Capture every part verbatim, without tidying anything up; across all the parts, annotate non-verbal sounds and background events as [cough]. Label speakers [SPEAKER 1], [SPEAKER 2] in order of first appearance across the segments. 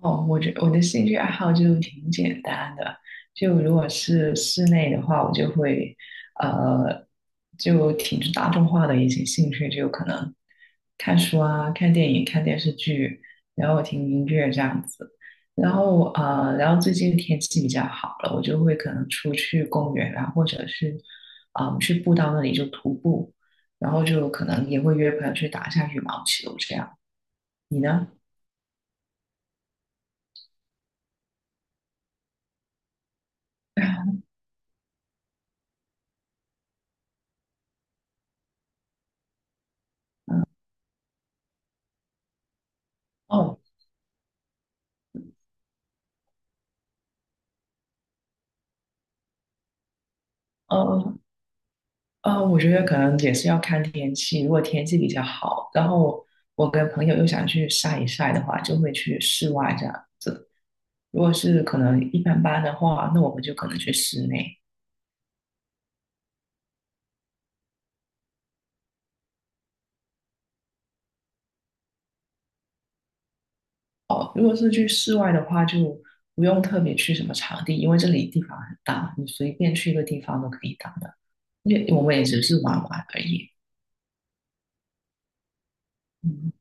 [SPEAKER 1] 哦，我觉我的兴趣爱好就挺简单的，就如果是室内的话，我就会呃，就挺大众化的一些兴趣，就可能看书啊、看电影、看电视剧，然后听音乐这样子。然后呃，然后最近天气比较好了，我就会可能出去公园啊，或者是嗯、呃去步道那里就徒步，然后就可能也会约朋友去打一下羽毛球这样。你呢？哦。哦，呃，我觉得可能也是要看天气。如果天气比较好，然后我跟朋友又想去晒一晒的话，就会去室外这样子。如果是可能一般般的话，那我们就可能去室内。哦，如果是去室外的话，就不用特别去什么场地，因为这里地方很大，你随便去一个地方都可以打的。因为我们也只是玩玩而已。嗯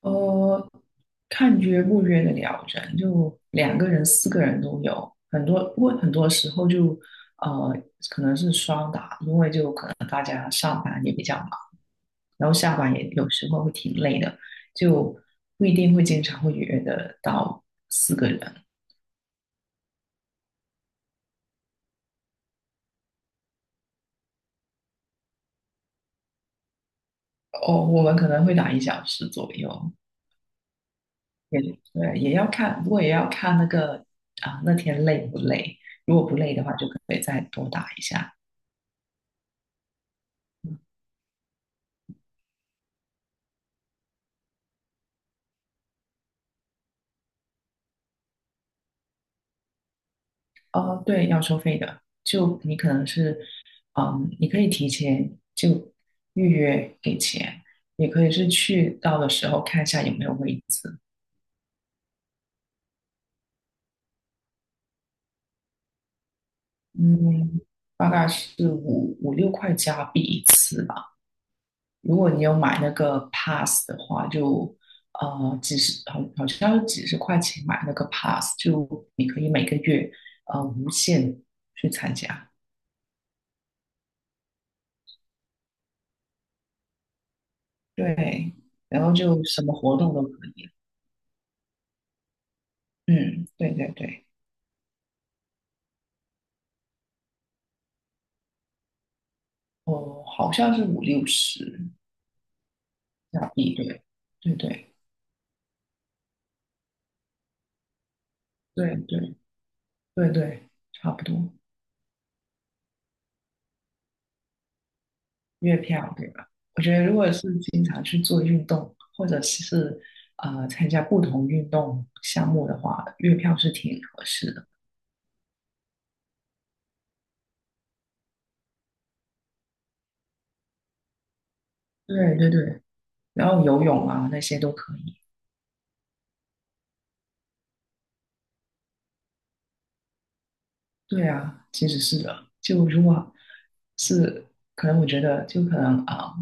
[SPEAKER 1] 呃，看约不约的了人，就两个人、四个人都有，很多，不过很多时候就呃，可能是双打，因为就可能，然后下班也有时候会挺累的，就不一定会经常会约得到四个人。哦，我们可能会打一小时左右，也对，也要看，不过也要看那个啊，那天累不累，如果不累的话，就可以再多打一下。哦，对，要收费的。就你可能是，嗯，你可以提前就预约给钱，也可以是去到的时候看一下有没有位置。嗯，大概是五五六块加币一次吧。如果你有买那个 pass 的话，就呃几十，好好像是几十块钱买那个 pass，就你可以每个月呃无限去参加。对，然后就什么活动都可以。嗯，对对对。哦，好像是五六十加币，对，对对对对对对，差不多月票对吧？我觉得如果是经常去做运动，或者是呃参加不同运动项目的话，月票是挺合适的。对对对，然后游泳啊那些都可以。对啊，其实是的。就如果是可能，我觉得就可能啊、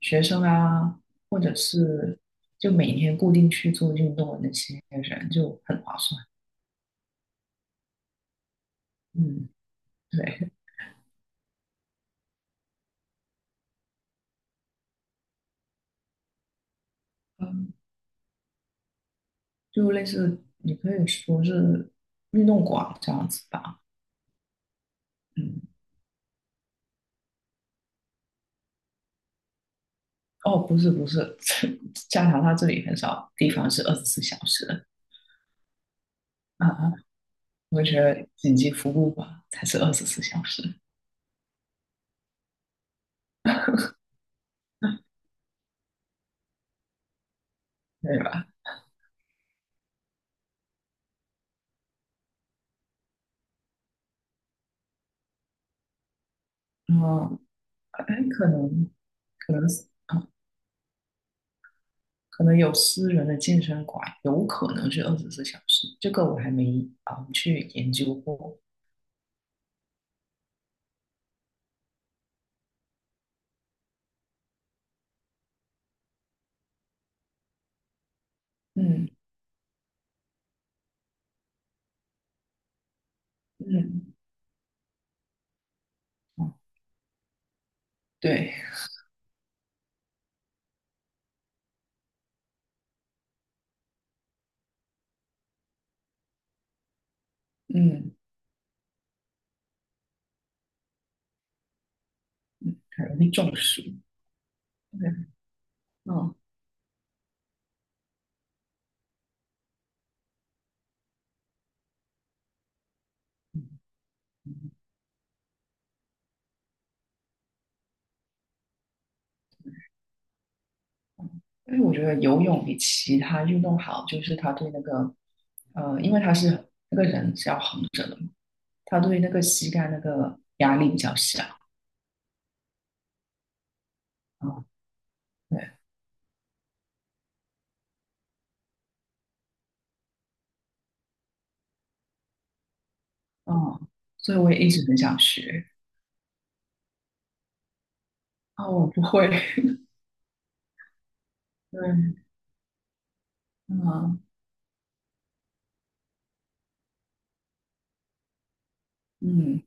[SPEAKER 1] 学生啊，或者是就每天固定去做运动的那些人就很划算。嗯，对，嗯，就类似你可以说是运动馆这样子吧。嗯，哦，不是不是，[laughs] 加拿大这里很少地方是二十四小时的啊，我觉得紧急服务吧才是二十四小时，对吧？嗯，哎，可能可能是啊，可能有私人的健身馆，有可能是二十四小时，这个我还没啊、去研究过。嗯嗯，哦，对，嗯，很容易中暑。对，嗯，因为我觉得游泳比其他运动好，就是它对那个呃，因为它是那个人是要横着的嘛，它对那个膝盖那个压力比较小。啊、对，嗯，所以我也一直很想学。啊、我不会。[laughs] 对，嗯。嗯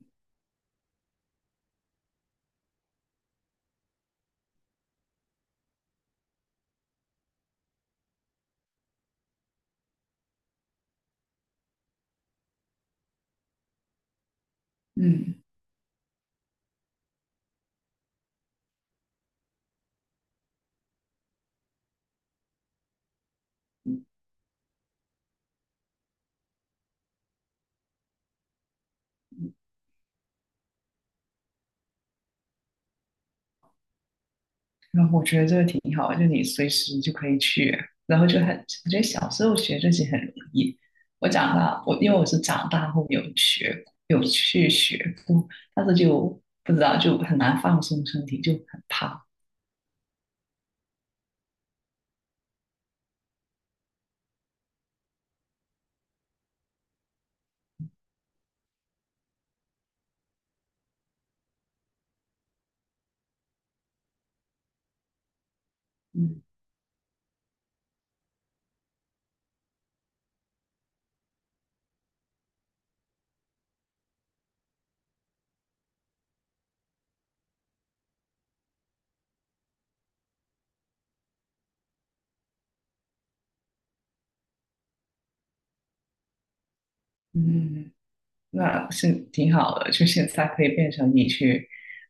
[SPEAKER 1] 嗯，然后我觉得这个挺好的就你随时就可以去，然后就很，我觉得小时候学这些很容易。我长大，我因为我是长大后有学，有去学过，但是就不知道就很难放松身体，就很怕。嗯嗯，那是挺好的，就现在可以变成你去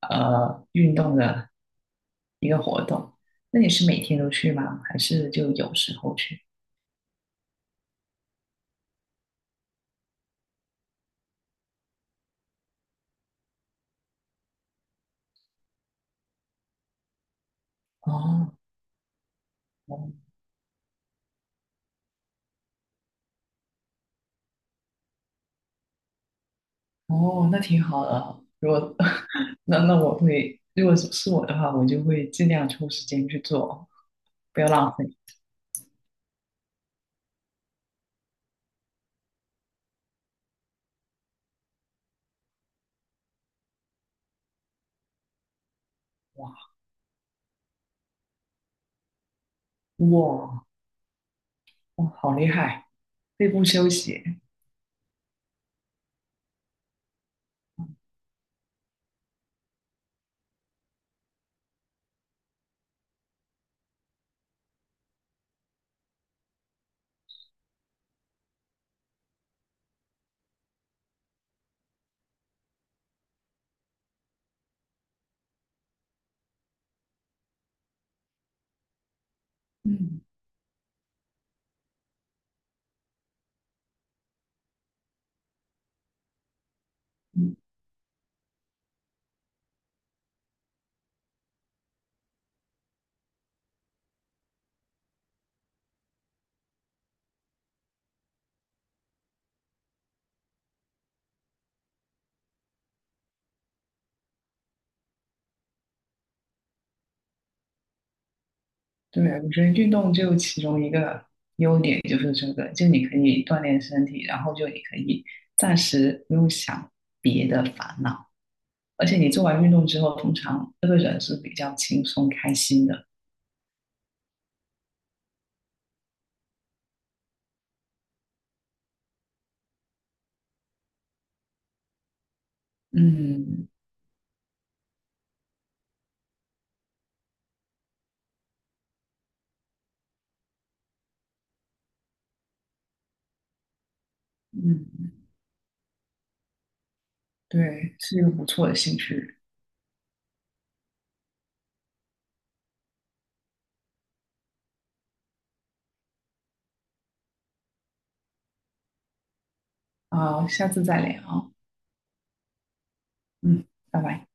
[SPEAKER 1] 呃运动的一个活动。那你是每天都去吗？还是就有时候去？哦，哦，那挺好的啊。如果 [laughs] 那那我会，如果是是我的话，我就会尽量抽时间去做，不要浪费。哇哇哇，好厉害！肺部休息，嗯嗯，对，我觉得运动就其中一个优点就是这个，就你可以锻炼身体，然后就你可以暂时不用想别的烦恼，而且你做完运动之后，通常这个人是比较轻松开心的。嗯嗯，对，是一个不错的兴趣。好，下次再聊啊。嗯，拜拜。